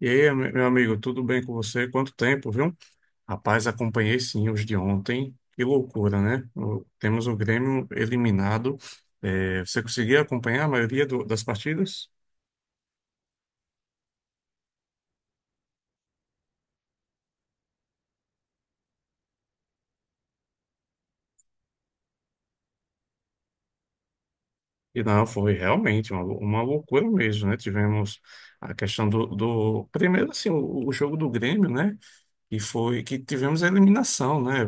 E aí, meu amigo, tudo bem com você? Quanto tempo, viu? Rapaz, acompanhei sim os de ontem. Que loucura, né? Temos o Grêmio eliminado. É, você conseguia acompanhar a maioria das partidas? E não, foi realmente uma loucura mesmo, né? Tivemos a questão primeiro assim, o jogo do Grêmio, né? E foi que tivemos a eliminação, né?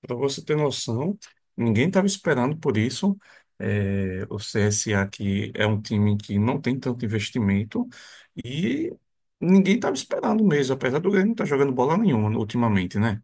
Para você ter noção, ninguém estava esperando por isso. É, o CSA aqui é um time que não tem tanto investimento e ninguém estava esperando mesmo, apesar do Grêmio não estar jogando bola nenhuma ultimamente, né?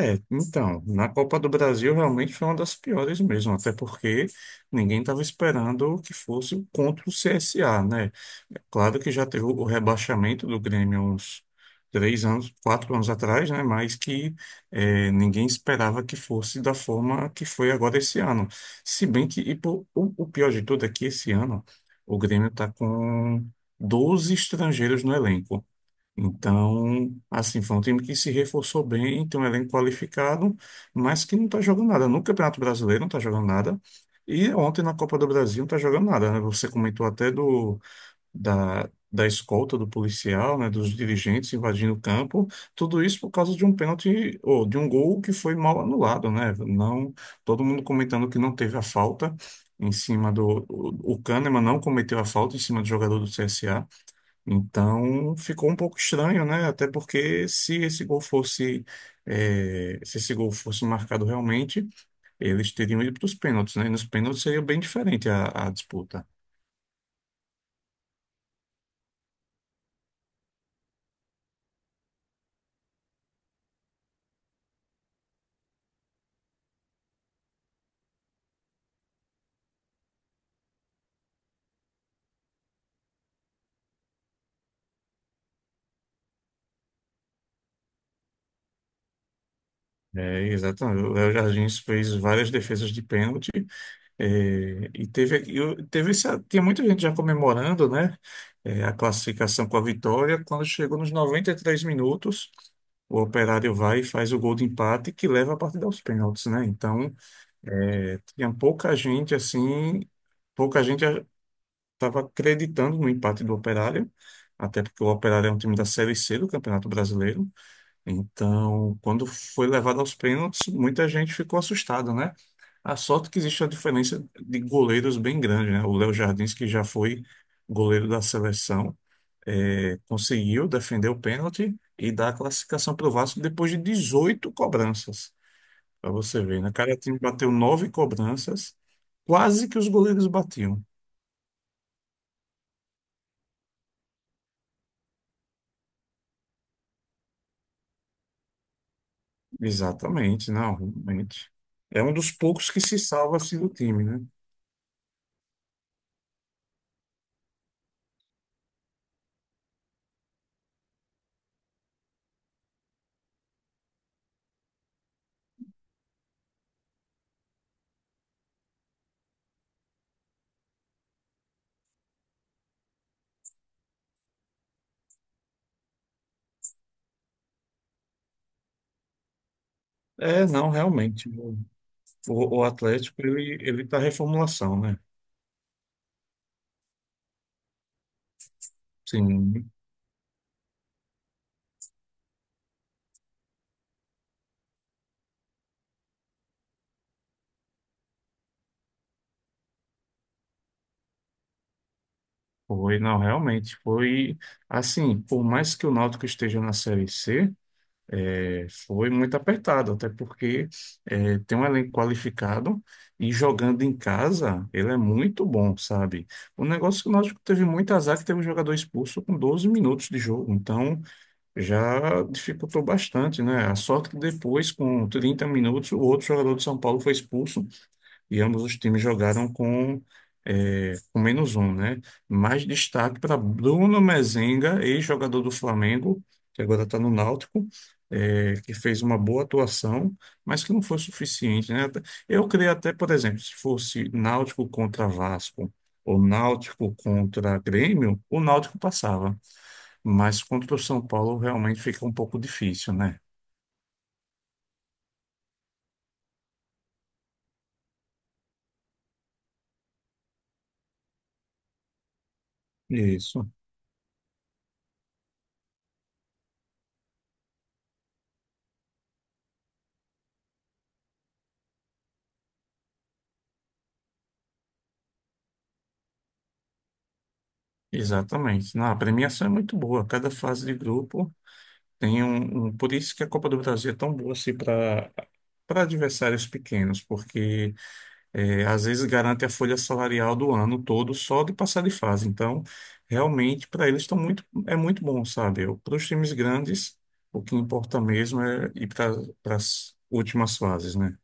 É, então, na Copa do Brasil realmente foi uma das piores mesmo, até porque ninguém estava esperando que fosse contra o CSA, né? É claro que já teve o rebaixamento do Grêmio uns 3 anos, 4 anos atrás, né? Mas que é, ninguém esperava que fosse da forma que foi agora esse ano. Se bem que, e pô, o pior de tudo é que esse ano o Grêmio está com 12 estrangeiros no elenco. Então, assim, foi um time que se reforçou bem, tem um elenco qualificado, mas que não está jogando nada. No Campeonato Brasileiro não está jogando nada. E ontem na Copa do Brasil não está jogando nada, né? Você comentou até da escolta do policial, né? Dos dirigentes invadindo o campo. Tudo isso por causa de um pênalti, ou de um gol que foi mal anulado, né? Não, todo mundo comentando que não teve a falta em cima do... O Kahneman não cometeu a falta em cima do jogador do CSA. Então ficou um pouco estranho, né? Até porque se esse gol fosse, eh, se esse gol fosse marcado realmente, eles teriam ido para os pênaltis, né? E nos pênaltis seria bem diferente a disputa. É, exatamente. O Léo Jardim fez várias defesas de pênalti. É, teve esse, tinha muita gente já comemorando, né, é, a classificação com a vitória. Quando chegou nos 93 minutos, o Operário vai e faz o gol de empate que leva a partida aos pênaltis, né? Então, tinha pouca gente assim, pouca gente estava acreditando no empate do Operário, até porque o Operário é um time da Série C do Campeonato Brasileiro. Então, quando foi levado aos pênaltis, muita gente ficou assustada, né? A sorte que existe uma diferença de goleiros bem grande, né? O Léo Jardins, que já foi goleiro da seleção, conseguiu defender o pênalti e dar a classificação para o Vasco depois de 18 cobranças. Pra você ver, né? Cada time bateu 9 cobranças, quase que os goleiros batiam. Exatamente, não, realmente. É um dos poucos que se salva assim do time, né? É, não, realmente. O Atlético, ele tá reformulação, né? Sim, foi, não, realmente. Foi assim, por mais que o Náutico esteja na Série C. É, foi muito apertado, até porque é, tem um elenco qualificado e jogando em casa ele é muito bom, sabe? O negócio que o Náutico teve muito azar é que teve um jogador expulso com 12 minutos de jogo, então já dificultou bastante, né? A sorte que depois, com 30 minutos, o outro jogador de São Paulo foi expulso e ambos os times jogaram com, é, com menos um, né? Mais destaque para Bruno Mezenga, ex-jogador do Flamengo, que agora está no Náutico, é, que fez uma boa atuação, mas que não foi suficiente, né? Eu creio até, por exemplo, se fosse Náutico contra Vasco ou Náutico contra Grêmio, o Náutico passava, mas contra o São Paulo realmente fica um pouco difícil, né? Isso, exatamente. Não, a premiação é muito boa. Cada fase de grupo tem um, por isso que a Copa do Brasil é tão boa assim para adversários pequenos, porque é, às vezes garante a folha salarial do ano todo só de passar de fase. Então, realmente para eles estão muito é muito bom, sabe? Para os times grandes, o que importa mesmo é ir para as últimas fases, né?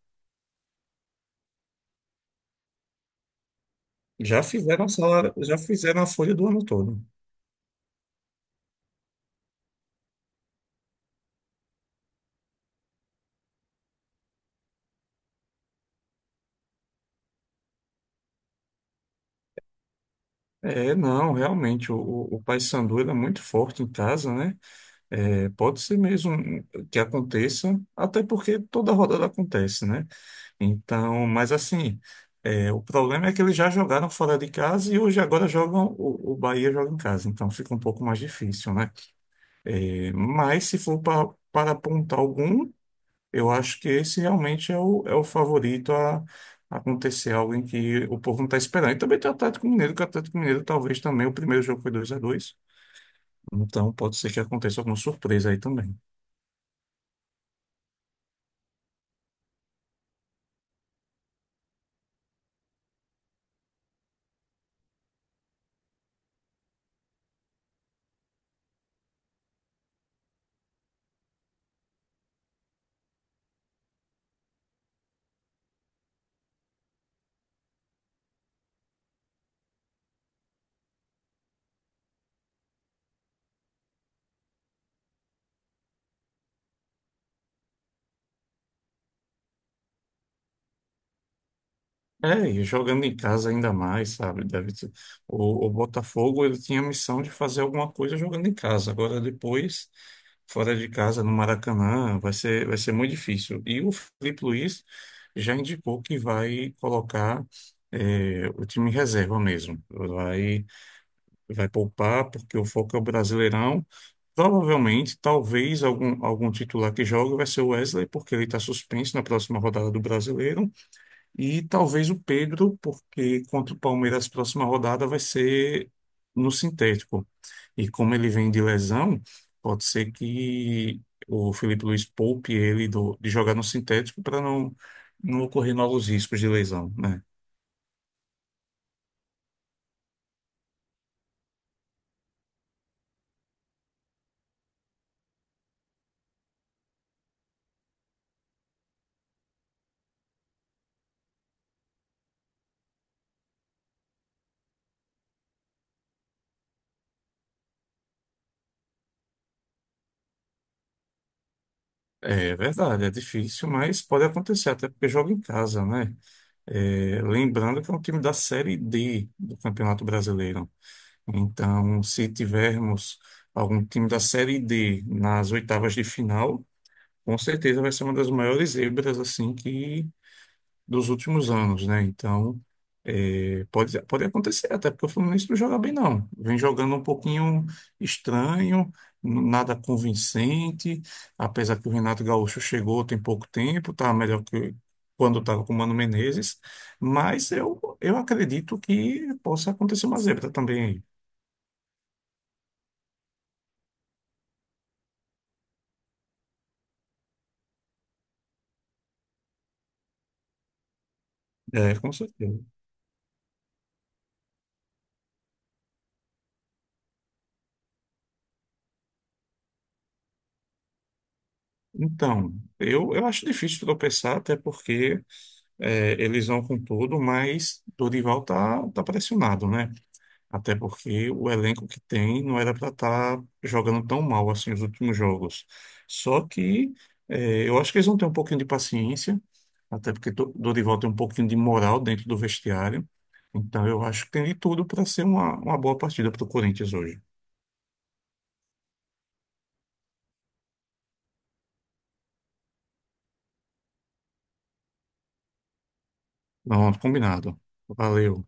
Já fizeram salário, já fizeram a folha do ano todo. É, não, realmente o Paysandu ele é muito forte em casa, né? É, pode ser mesmo que aconteça, até porque toda rodada acontece, né? Então, mas assim, é, o problema é que eles já jogaram fora de casa e hoje agora jogam, o Bahia joga em casa, então fica um pouco mais difícil, né? É, mas se for para apontar algum, eu acho que esse realmente é o favorito a acontecer algo em que o povo não está esperando. E também tem o Atlético Mineiro, que o Atlético Mineiro talvez também, o primeiro jogo foi 2-2, então pode ser que aconteça alguma surpresa aí também. É, e jogando em casa ainda mais, sabe? O Botafogo ele tinha a missão de fazer alguma coisa jogando em casa. Agora depois, fora de casa, no Maracanã, vai ser muito difícil. E o Felipe Luiz já indicou que vai colocar o time em reserva mesmo. Vai poupar, porque o foco é o Brasileirão. Provavelmente, talvez, algum titular que jogue vai ser o Wesley, porque ele está suspenso na próxima rodada do Brasileiro. E talvez o Pedro, porque contra o Palmeiras, a próxima rodada vai ser no sintético. E como ele vem de lesão, pode ser que o Felipe Luiz poupe ele de jogar no sintético para não ocorrer novos riscos de lesão, né? É verdade, é difícil, mas pode acontecer, até porque joga em casa, né? É, lembrando que é um time da Série D do Campeonato Brasileiro. Então, se tivermos algum time da Série D nas oitavas de final, com certeza vai ser uma das maiores zebras assim que dos últimos anos, né? Então, pode acontecer, até porque o Fluminense não joga bem, não. Vem jogando um pouquinho estranho, nada convincente, apesar que o Renato Gaúcho chegou tem pouco tempo, tá melhor que quando estava com o Mano Menezes, mas eu acredito que possa acontecer uma zebra também aí. É, com certeza. Então, eu acho difícil tropeçar, até porque é, eles vão com tudo, mas Dorival tá pressionado, né? Até porque o elenco que tem não era para estar jogando tão mal assim os últimos jogos. Só que é, eu acho que eles vão ter um pouquinho de paciência, até porque Dorival tem um pouquinho de moral dentro do vestiário. Então, eu acho que tem de tudo para ser uma boa partida para o Corinthians hoje. Pronto, combinado. Valeu.